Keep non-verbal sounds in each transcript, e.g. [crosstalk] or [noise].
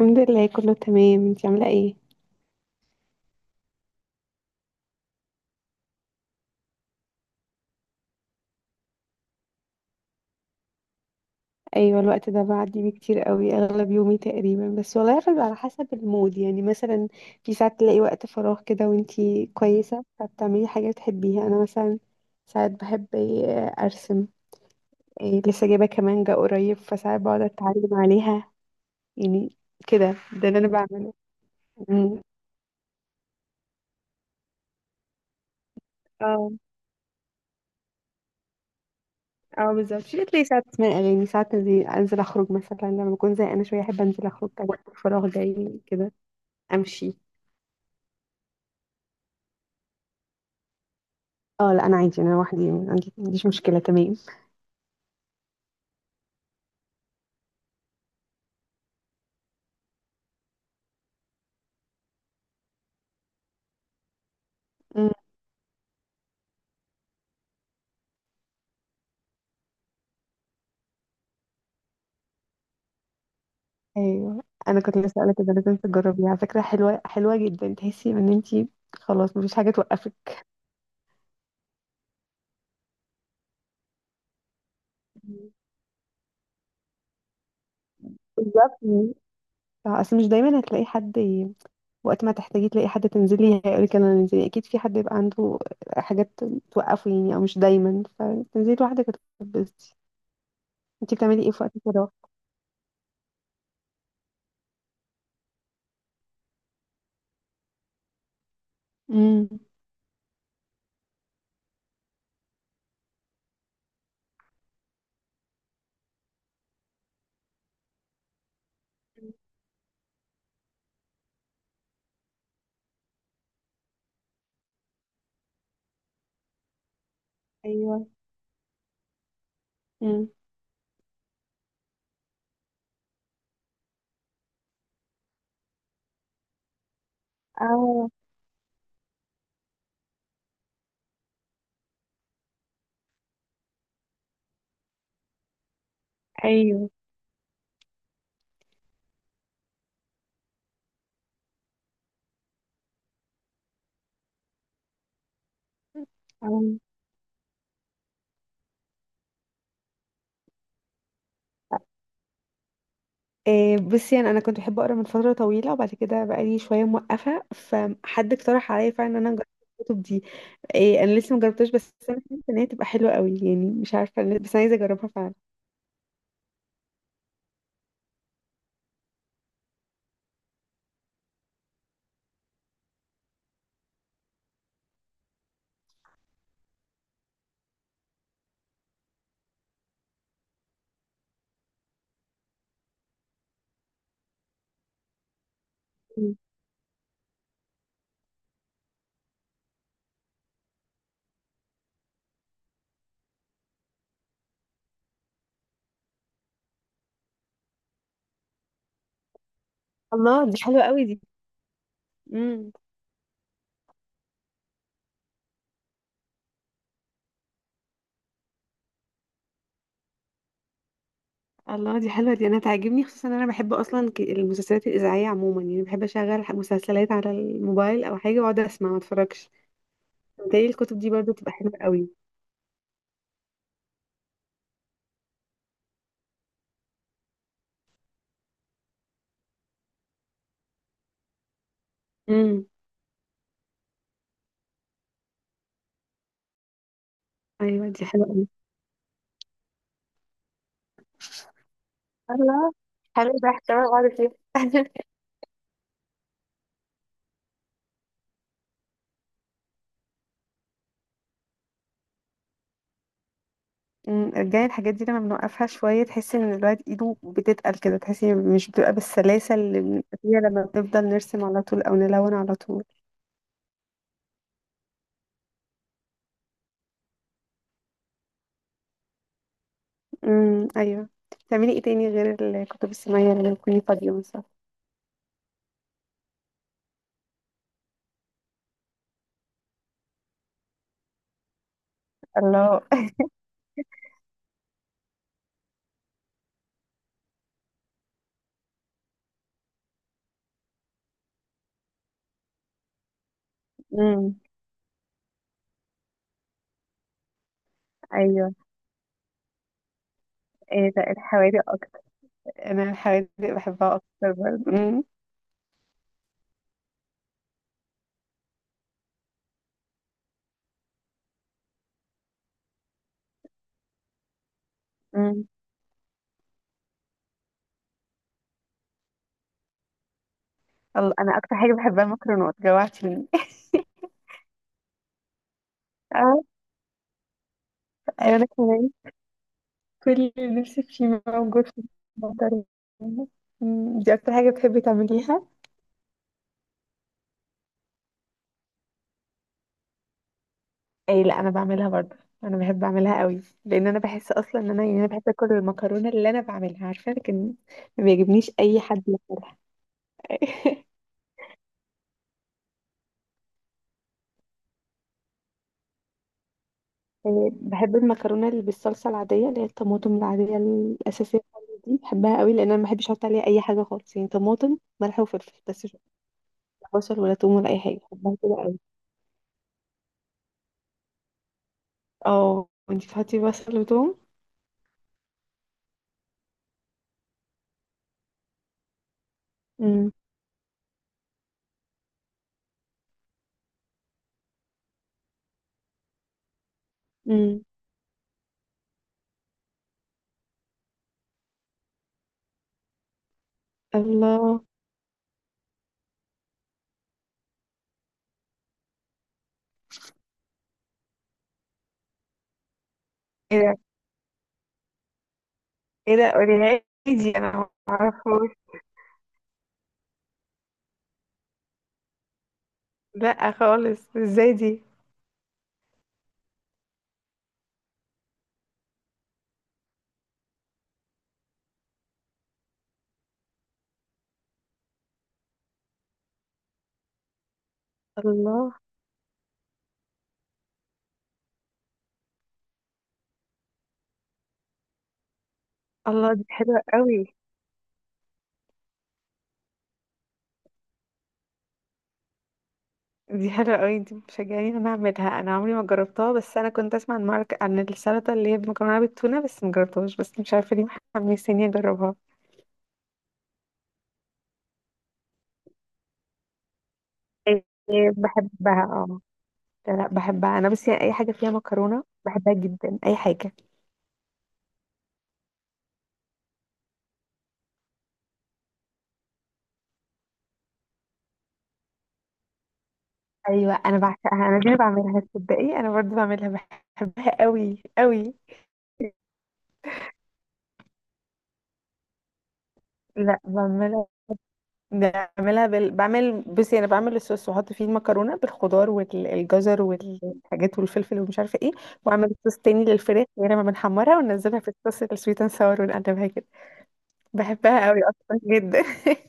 الحمد لله، كله تمام. انتي عاملة ايه؟ ايوه الوقت ده بعدي بيه كتير قوي اغلب يومي تقريبا، بس والله بيبقى على حسب المود، يعني مثلا في ساعات تلاقي وقت فراغ كده وانتي كويسة فبتعملي حاجة بتحبيها. انا مثلا ساعات بحب ايه، ارسم. ايه، لسه جايبة كمانجة قريب فساعات بقعد اتعلم عليها يعني، كده ده اللي انا بعمله. مم. اه، اه بالظبط. في بتلاقي ساعات اسمع اغاني، ساعات انزل اخرج، مثلا لما بكون زهقانة شوية احب انزل اخرج وقت الفراغ جاي كده، امشي. اه لا، انا عادي، انا لوحدي، ما عنديش مشكله، تمام. أمم، ايوه، انا كنت لسه اقول لك ده، لازم تجربيها على فكره، حلوه حلوه جدا، تحسي ان انت خلاص مفيش حاجه توقفك. مم. بالظبط. آه، اصل مش دايما هتلاقي حد ي... وقت ما تحتاجي تلاقي حد تنزلي هيقولك يلا ننزلي، اكيد في حد يبقى عنده حاجات توقفه يعني، او مش دايما، فتنزلي لوحدك وتتبسطي. انت بتعملي ايه في وقت الفراغ؟ امم، ايوه، امم، اه، ايوه، أو. إيه، بصي يعني انا كنت بحب اقرا من فتره طويله، وبعد كده بقالي شويه موقفه فحد اقترح عليا فعلا ان انا اجرب الكتب دي. إيه انا لسه ما جربتهاش، بس انا حاسه ان هي تبقى حلوه قوي، يعني مش بس انا عايزه اجربها فعلا. مم. الله، دي حلوه قوي دي. امم، الله دي حلوه دي، انا تعجبني، خصوصا ان انا بحب اصلا المسلسلات الاذاعيه عموما، يعني بحب اشغل مسلسلات على الموبايل او حاجه واقعد اسمع ما اتفرجش. متهيألي الكتب دي برضو تبقى حلوه قوي. امم، ايوه دي حلوه قوي. الله، حلو ده، احتمال اقعد فيه. [laughs] مم، رجعي الحاجات دي، لما بنوقفها شوية تحسي ان الواحد ايده بتتقل كده، تحسي مش بتبقى بالسلاسة اللي بنبقى فيها لما بنفضل نرسم على طول او نلون على طول. امم، ايوه. بتعملي ايه تاني غير الكتب السماوية لما تكوني فاضية مثلا؟ الله. [laughs] امم، ايوه، ايه ده، الحوادق اكتر. انا الحوادق بحبها اكتر برضه. امم، امم، الله، انا اكتر حاجة بحبها المكرونات، جوعتيني. [laughs] اه، ايوه انا كمان، كل اللي نفسي فيه موجود في المطر. دي اكتر حاجة بتحبي تعمليها؟ اي لا، انا بعملها برضه، انا بحب اعملها قوي، لان انا بحس اصلا ان انا، يعني انا بحب اكل المكرونه اللي انا بعملها عارفه، لكن ما بيعجبنيش اي حد ياكلها. [laughs] يعني بحب المكرونه اللي بالصلصه العاديه، اللي هي الطماطم العاديه الاساسيه خالص، دي بحبها قوي، لان انا ما بحبش احط عليها اي حاجه خالص، يعني طماطم ملح وفلفل بس، مش بحط بصل ولا توم ولا اي حاجه، بحبها كده قوي. اه، وانتي بتحطي بصل وتوم؟ امم، امم، الله، ايه ده، ايه ده، قوليها لي دي انا ما اعرفهاش. لا خالص، ازاي دي؟ الله، الله، دي حلوة قوي دي، حلوة قوي دي، بتشجعني انا اعملها، انا عمري ما جربتها، بس انا كنت اسمع عن مارك، عن السلطة اللي هي بمكرونة بالتونة، بس ما جربتهاش، بس مش عارفة ليه. محمسيني اجربها. إيه، بحبها اه، لا لا بحبها انا، بس يعني اي حاجة فيها مكرونة بحبها جدا، اي حاجة. ايوه انا بعشقها، انا دي اللي بعملها، تصدقي انا برضو بعملها، بحبها قوي قوي. لا بعملها بعملها بال... بعمل، بصي انا بعمل الصوص واحط فيه المكرونه بالخضار والجزر والحاجات والفلفل ومش عارفه ايه، واعمل صوص تاني للفراخ، غير ما بنحمرها وننزلها في الصوص السويت اند ساور ونقلبها كده. بحبها قوي اصلا جدا. [laughs]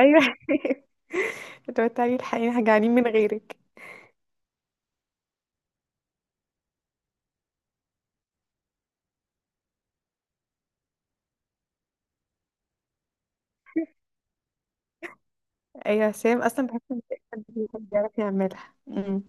ايوه. [laughs] لو تعالي، الحقيقه جعانين من غيرك. ايوه سام، اصلا بحس ان في حد بيحب يعرف يعملها. أمم.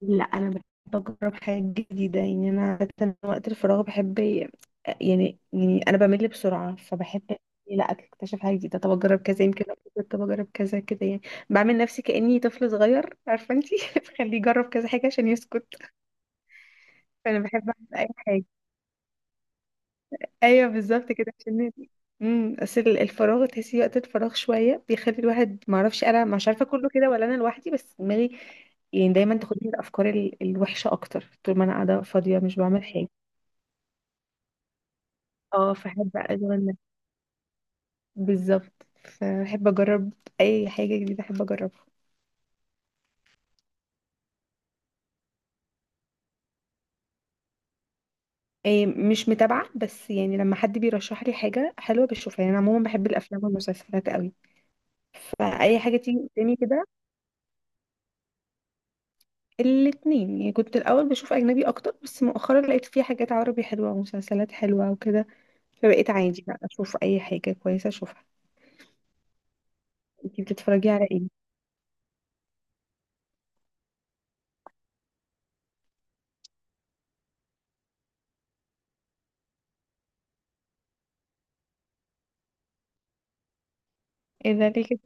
لا انا بحب اجرب حاجات جديده، يعني انا عادة وقت الفراغ بحب، يعني يعني انا بمل بسرعه، فبحب لا اكتشف حاجه جديده، طب اجرب كذا يمكن أبسط، طب اجرب كذا كده يعني، بعمل نفسي كاني طفل صغير، عارفه انتي، [laughs] بخليه يجرب كذا حاجه عشان يسكت. فانا بحب اعمل اي حاجه. ايوه بالظبط كده، عشان نادي. امم، الفراغ، تحسي وقت الفراغ شويه بيخلي الواحد، ما اعرفش انا مش عارفه كله كده ولا انا لوحدي، بس دماغي يعني دايما تاخدني الوحشه اكتر طول ما انا قاعده فاضيه مش بعمل حاجه. اه فاحب اشغل نفسي. بالظبط فاحب اجرب اي حاجه جديده، احب اجربها. إيه مش متابعه، بس يعني لما حد بيرشح لي حاجه حلوه بشوفها، يعني انا عموما بحب الافلام والمسلسلات قوي، فاي حاجه تيجي قدامي كده. الاتنين، يعني كنت الأول بشوف أجنبي أكتر، بس مؤخرا لقيت فيه حاجات عربي حلوة ومسلسلات حلوة وكده، فبقيت عادي بقى أشوف أي حاجة كويسة أشوفها. انتي بتتفرجي على ايه؟ ايه ده، ليه كده؟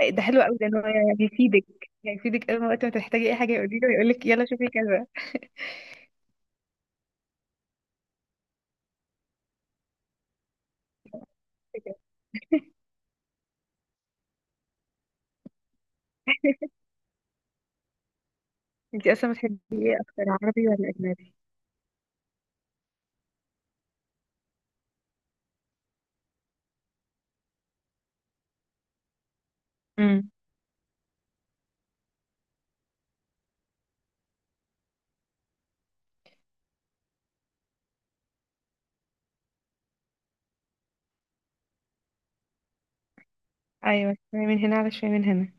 إيه ده حلو قوي ده، إن هو يعني بيفيدك، يعني بيفيدك أول ما وقت ما تحتاجي أي حاجة يقولي له يقول لك يلا شوفي كذا كده. [laughs] انتي أصلا بتحبي ايه أكتر، عربي ولا أجنبي؟ امم، ايوه، شويه من هنا على شويه من هنا.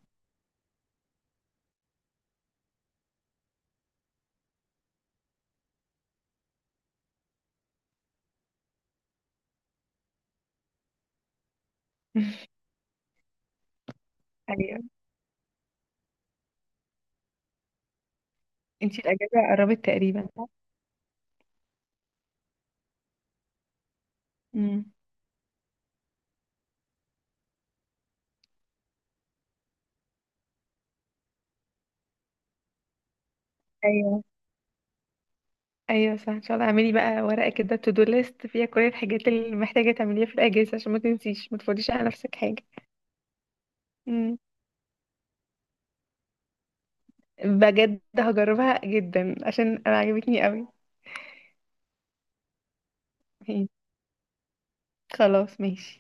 [laughs] أيوه. انتي الأجازة قربت تقريبا صح؟ امم، أيوة. ايوه صح، ان شاء الله اعملي بقى ورقه كده تو دو ليست فيها كل الحاجات اللي محتاجه تعمليها في الاجازه، عشان ما تنسيش ما تفضيش على نفسك حاجه. امم، بجد هجربها جدا عشان انا عجبتني قوي. مم. خلاص ماشي.